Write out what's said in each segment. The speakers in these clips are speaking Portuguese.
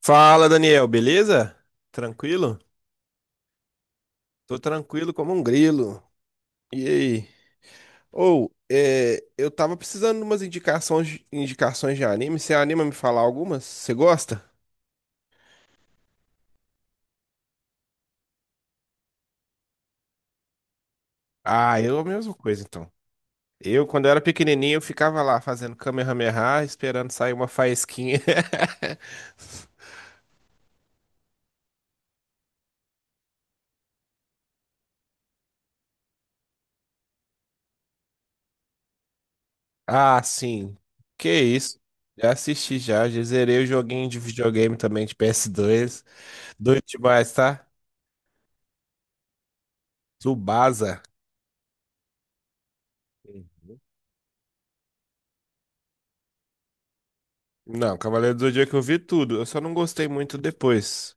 Fala, Daniel, beleza? Tranquilo? Tô tranquilo como um grilo. E aí? Ou, é, eu tava precisando de umas indicações de anime. Você anima a me falar algumas? Você gosta? Ah, eu a mesma coisa, então. Eu, quando eu era pequenininho, eu ficava lá fazendo Kamehameha, esperando sair uma faísquinha. Ah, sim. Que isso? Já assisti já zerei o joguinho de videogame também de PS2. Doido demais, tá? Tsubasa. Não, Cavaleiro do Zodíaco eu vi tudo. Eu só não gostei muito depois.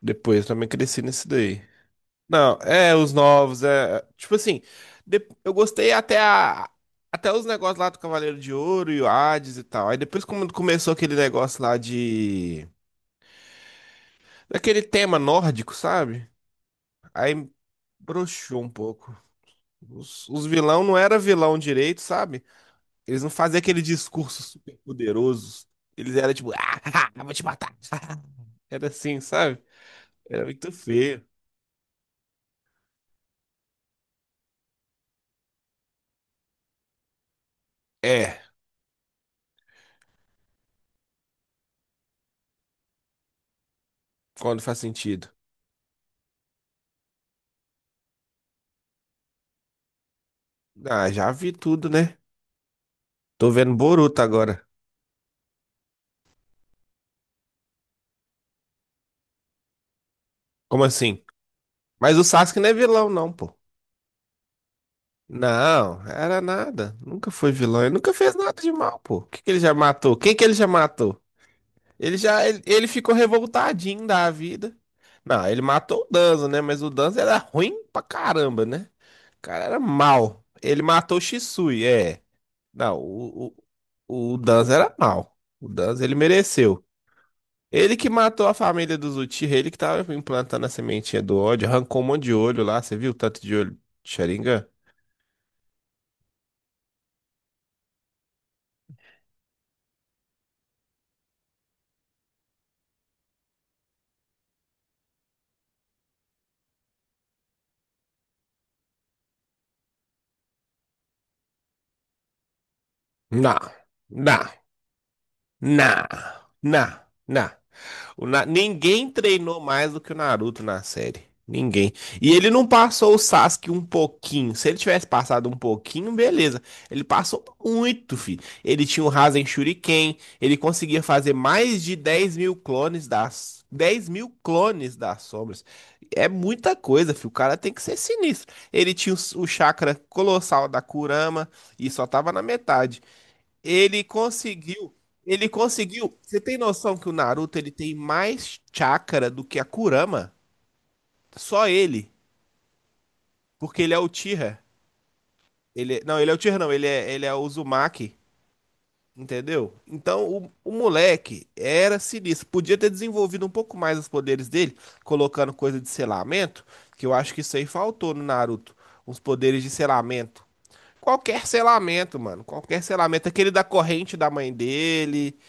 Depois, eu também cresci nesse daí. Não, é, os novos, é. Tipo assim, eu gostei até a. Até os negócios lá do Cavaleiro de Ouro e o Hades e tal. Aí depois, quando começou aquele negócio lá de. Daquele tema nórdico, sabe? Aí broxou um pouco. Os vilão não era vilão direito, sabe? Eles não faziam aquele discurso super poderoso. Eles eram tipo, ah, vou te matar. Era assim, sabe? Era muito feio. É, quando faz sentido. Ah, já vi tudo, né? Tô vendo Boruto agora. Como assim? Mas o Sasuke não é vilão, não, pô. Não, era nada. Nunca foi vilão. Ele nunca fez nada de mal, pô. O que que ele já matou? Quem que ele já matou? Ele ficou revoltadinho da vida. Não, ele matou o Danzo, né? Mas o Danzo era ruim pra caramba, né? O cara era mal. Ele matou o Shisui, é. Não, o Danzo era mal. O Danzo, ele mereceu. Ele que matou a família dos Uchiha, ele que tava implantando a sementinha do ódio, arrancou um monte de olho lá, você viu o tanto de olho de Sharingan? Não, não, não, não, não. Ninguém treinou mais do que o Naruto na série. Ninguém. E ele não passou o Sasuke um pouquinho. Se ele tivesse passado um pouquinho, beleza. Ele passou muito, filho. Ele tinha o Rasen Shuriken. Ele conseguia fazer mais de 10.000 clones das sombras. É muita coisa, filho. O cara tem que ser sinistro. Ele tinha o chakra colossal da Kurama e só tava na metade. Ele conseguiu. Ele conseguiu. Você tem noção que o Naruto ele tem mais chakra do que a Kurama? Só ele. Porque ele é o Tira. Não, ele é o Tira, não. Ele é o Uzumaki. Entendeu? Então o moleque era sinistro. Podia ter desenvolvido um pouco mais os poderes dele, colocando coisa de selamento. Que eu acho que isso aí faltou no Naruto. Uns poderes de selamento. Qualquer selamento, mano. Qualquer selamento. Aquele da corrente da mãe dele.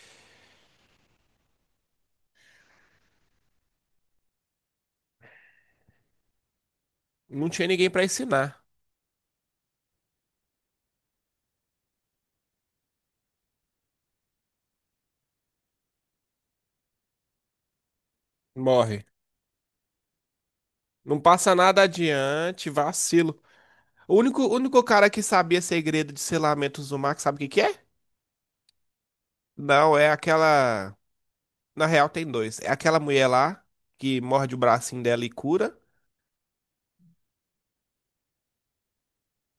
Não tinha ninguém pra ensinar. Morre. Não passa nada adiante, vacilo. O único cara que sabia segredo de selamentos do sabe o que que é? Não, é aquela. Na real, tem dois. É aquela mulher lá que morde o bracinho dela e cura.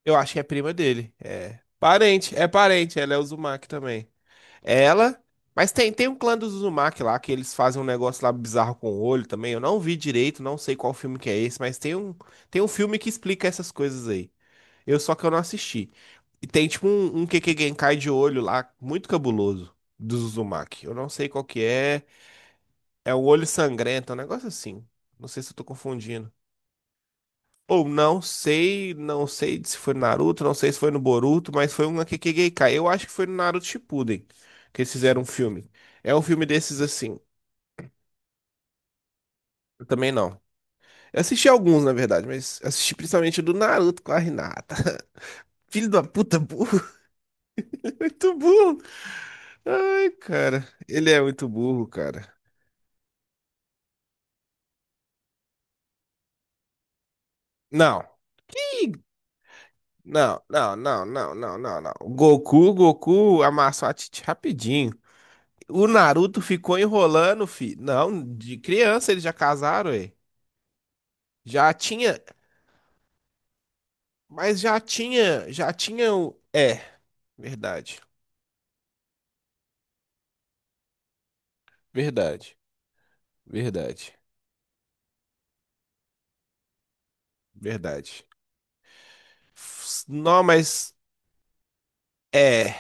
Eu acho que é prima dele. É. Parente, é parente. Ela é Uzumaki também. É ela. Mas tem um clã dos Uzumaki lá que eles fazem um negócio lá bizarro com o olho também. Eu não vi direito, não sei qual filme que é esse, mas tem um filme que explica essas coisas aí. Eu só que eu não assisti. E tem tipo um Keke Genkai de olho lá, muito cabuloso, do Uzumaki. Eu não sei qual que é. É um olho sangrento, é um negócio assim. Não sei se eu tô confundindo. Ou não sei se foi no Naruto, não sei se foi no Boruto, mas foi um Kekkei Genkai. Eu acho que foi no Naruto Shippuden que eles fizeram um filme. É um filme desses assim. Eu também não. Eu assisti alguns, na verdade, mas assisti principalmente o do Naruto com a Hinata. Filho da puta, burro. Muito burro. Ai, cara. Ele é muito burro, cara. Não. Não, não, não, não, não, não, não. O Goku amassou a Titi rapidinho. O Naruto ficou enrolando, fi. Não, de criança eles já casaram, ué. Já tinha, mas já tinha o... É, verdade, verdade, verdade, verdade. Não, mas é,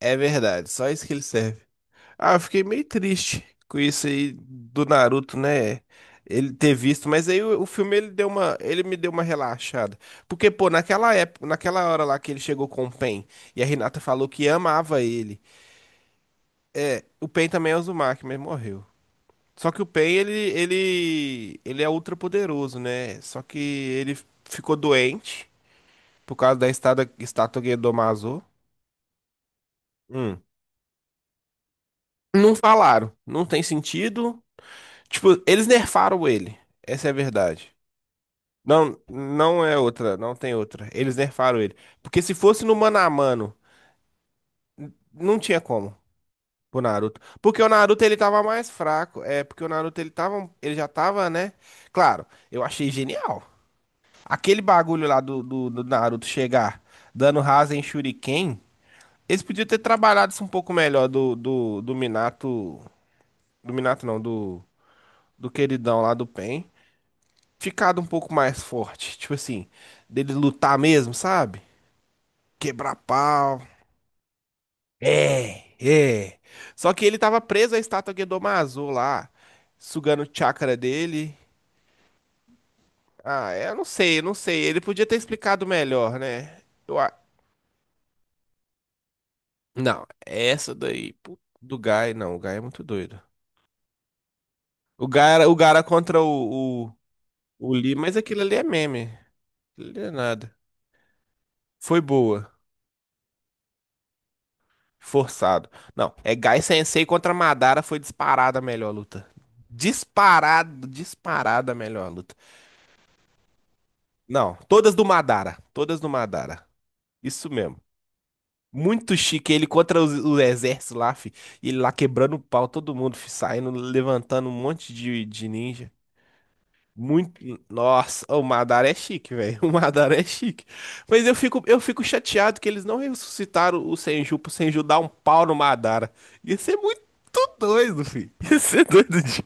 é verdade. Só isso que ele serve. Ah, eu fiquei meio triste com isso aí do Naruto, né? Ele ter visto, mas aí o filme ele me deu uma relaxada. Porque, pô, naquela época, naquela hora lá que ele chegou com o Pen e a Renata falou que amava ele. O Pen também é Uzumaki, mas morreu. Só que o Pen ele é ultra poderoso, né? Só que ele ficou doente por causa da estátua Gedomazo. Hum. Não falaram, não tem sentido. Tipo, eles nerfaram ele. Essa é a verdade. Não, não é outra, não tem outra. Eles nerfaram ele. Porque se fosse no mano a mano, não tinha como pro Naruto. Porque o Naruto ele tava mais fraco. É, porque o Naruto ele tava, ele já tava, né? Claro, eu achei genial. Aquele bagulho lá do Naruto chegar dando rasa em Shuriken, eles podiam ter trabalhado isso um pouco melhor do Minato, do Minato não, do queridão lá do Pen, ficado um pouco mais forte, tipo assim, dele lutar mesmo, sabe? Quebrar pau. É, é. Só que ele tava preso à estátua Gedomazo lá, sugando o chakra dele. Ah, é, eu não sei, eu não sei. Ele podia ter explicado melhor, né? Eu a- Não, essa daí pu- do Gai, não, o Gai é muito doido. O Gai era contra o Lee, mas aquilo ali é meme. Aquilo ali é nada. Foi boa. Forçado. Não, é Gai Sensei contra Madara foi disparada a melhor luta. Disparado, disparada a melhor luta. Não, todas do Madara. Todas do Madara. Isso mesmo. Muito chique. Ele contra o exército lá, fi. E ele lá quebrando o pau, todo mundo, fi, saindo, levantando um monte de ninja. Muito. Nossa, o Madara é chique, velho. O Madara é chique. Mas eu fico chateado que eles não ressuscitaram o Senju pro Senju dar um pau no Madara. Ia ser muito doido, fi. Ia ser doido de.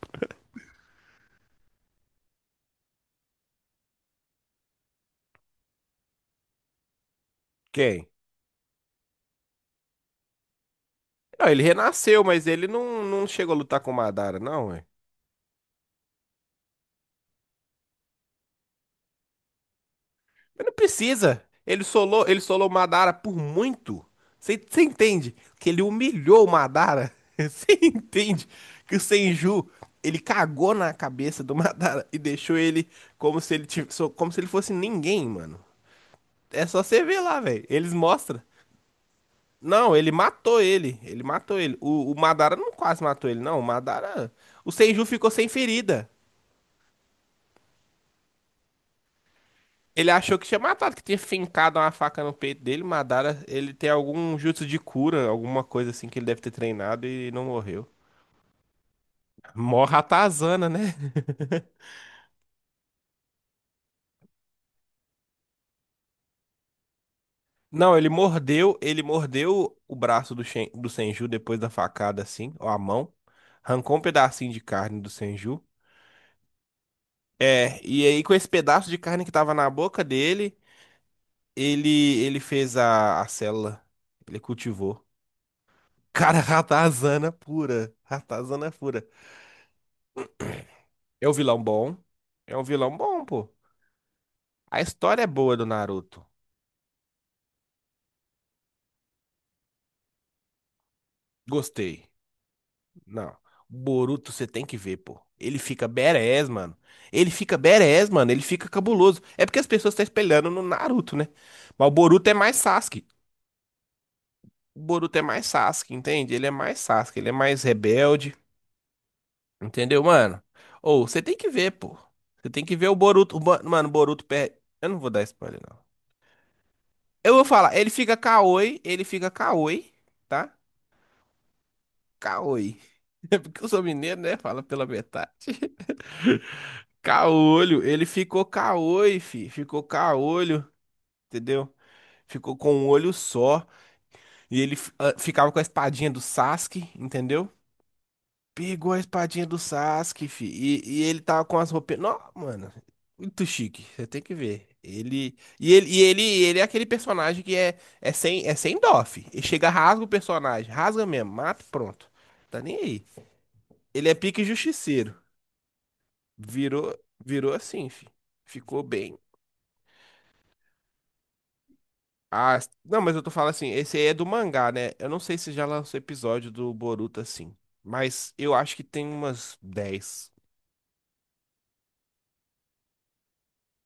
Quem? Não, ele renasceu, mas ele não chegou a lutar com o Madara, não, ué. Mas não precisa. Ele solou o Madara por muito. Você entende que ele humilhou o Madara? Você entende que o Senju, ele cagou na cabeça do Madara e deixou ele como se ele fosse ninguém, mano. É só você ver lá, velho. Eles mostram. Não, ele matou ele. Ele matou ele. O Madara não quase matou ele, não. O Madara. O Senju ficou sem ferida. Ele achou que tinha matado, que tinha fincado uma faca no peito dele, mataram. Ele tem algum jutsu de cura, alguma coisa assim que ele deve ter treinado e não morreu. Mó ratazana, né? Não, ele mordeu o braço do Senju depois da facada, assim, ou a mão. Arrancou um pedacinho de carne do Senju. É, e aí com esse pedaço de carne que tava na boca dele, ele ele fez a célula. Ele cultivou. Cara, ratazana pura. Ratazana pura. É um vilão bom. É um vilão bom, pô. A história é boa do Naruto. Gostei. Não. Boruto você tem que ver, pô. Ele fica badass, mano. Ele fica badass, mano. Ele fica cabuloso. É porque as pessoas estão espelhando no Naruto, né? Mas o Boruto é mais Sasuke. O Boruto é mais Sasuke, entende? Ele é mais Sasuke. Ele é mais rebelde. Entendeu, mano? Ou você tem que ver, pô. Você tem que ver o Boruto. Mano, o Boruto perde. Eu não vou dar spoiler, não. Eu vou falar. Ele fica Kaoi. Ele fica Kaoi. Tá? Caoi. É porque eu sou mineiro, né? Fala pela metade. Caolho. Ele ficou caoi, fi. Ficou caolho, entendeu? Ficou com um olho só. E ele ficava com a espadinha do Sasuke, entendeu? Pegou a espadinha do Sasuke, fi. E ele tava com as roupas. Não, mano. Muito chique. Você tem que ver. Ele. Ele é aquele personagem que é sem dó, fi. Ele chega, rasga o personagem. Rasga mesmo, mata, e pronto. Tá nem aí. Ele é pique justiceiro. Virou, virou assim, fi. Ficou bem. Ah, não, mas eu tô falando assim, esse aí é do mangá, né? Eu não sei se já lançou episódio do Boruto assim, mas eu acho que tem umas 10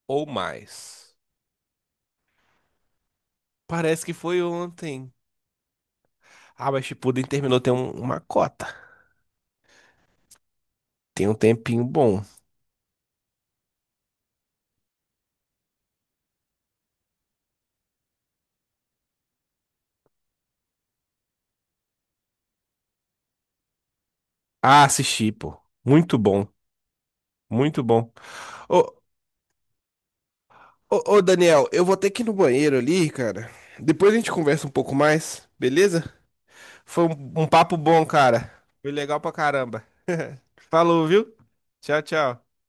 ou mais. Parece que foi ontem. Ah, mas Shippuden terminou tem uma cota. Tem um tempinho bom. Ah, assisti, pô. Muito bom, muito bom. Ô, ô, ô, Daniel, eu vou ter que ir no banheiro ali, cara. Depois a gente conversa um pouco mais, beleza? Foi um papo bom, cara. Foi legal pra caramba. Falou, viu? Tchau, tchau.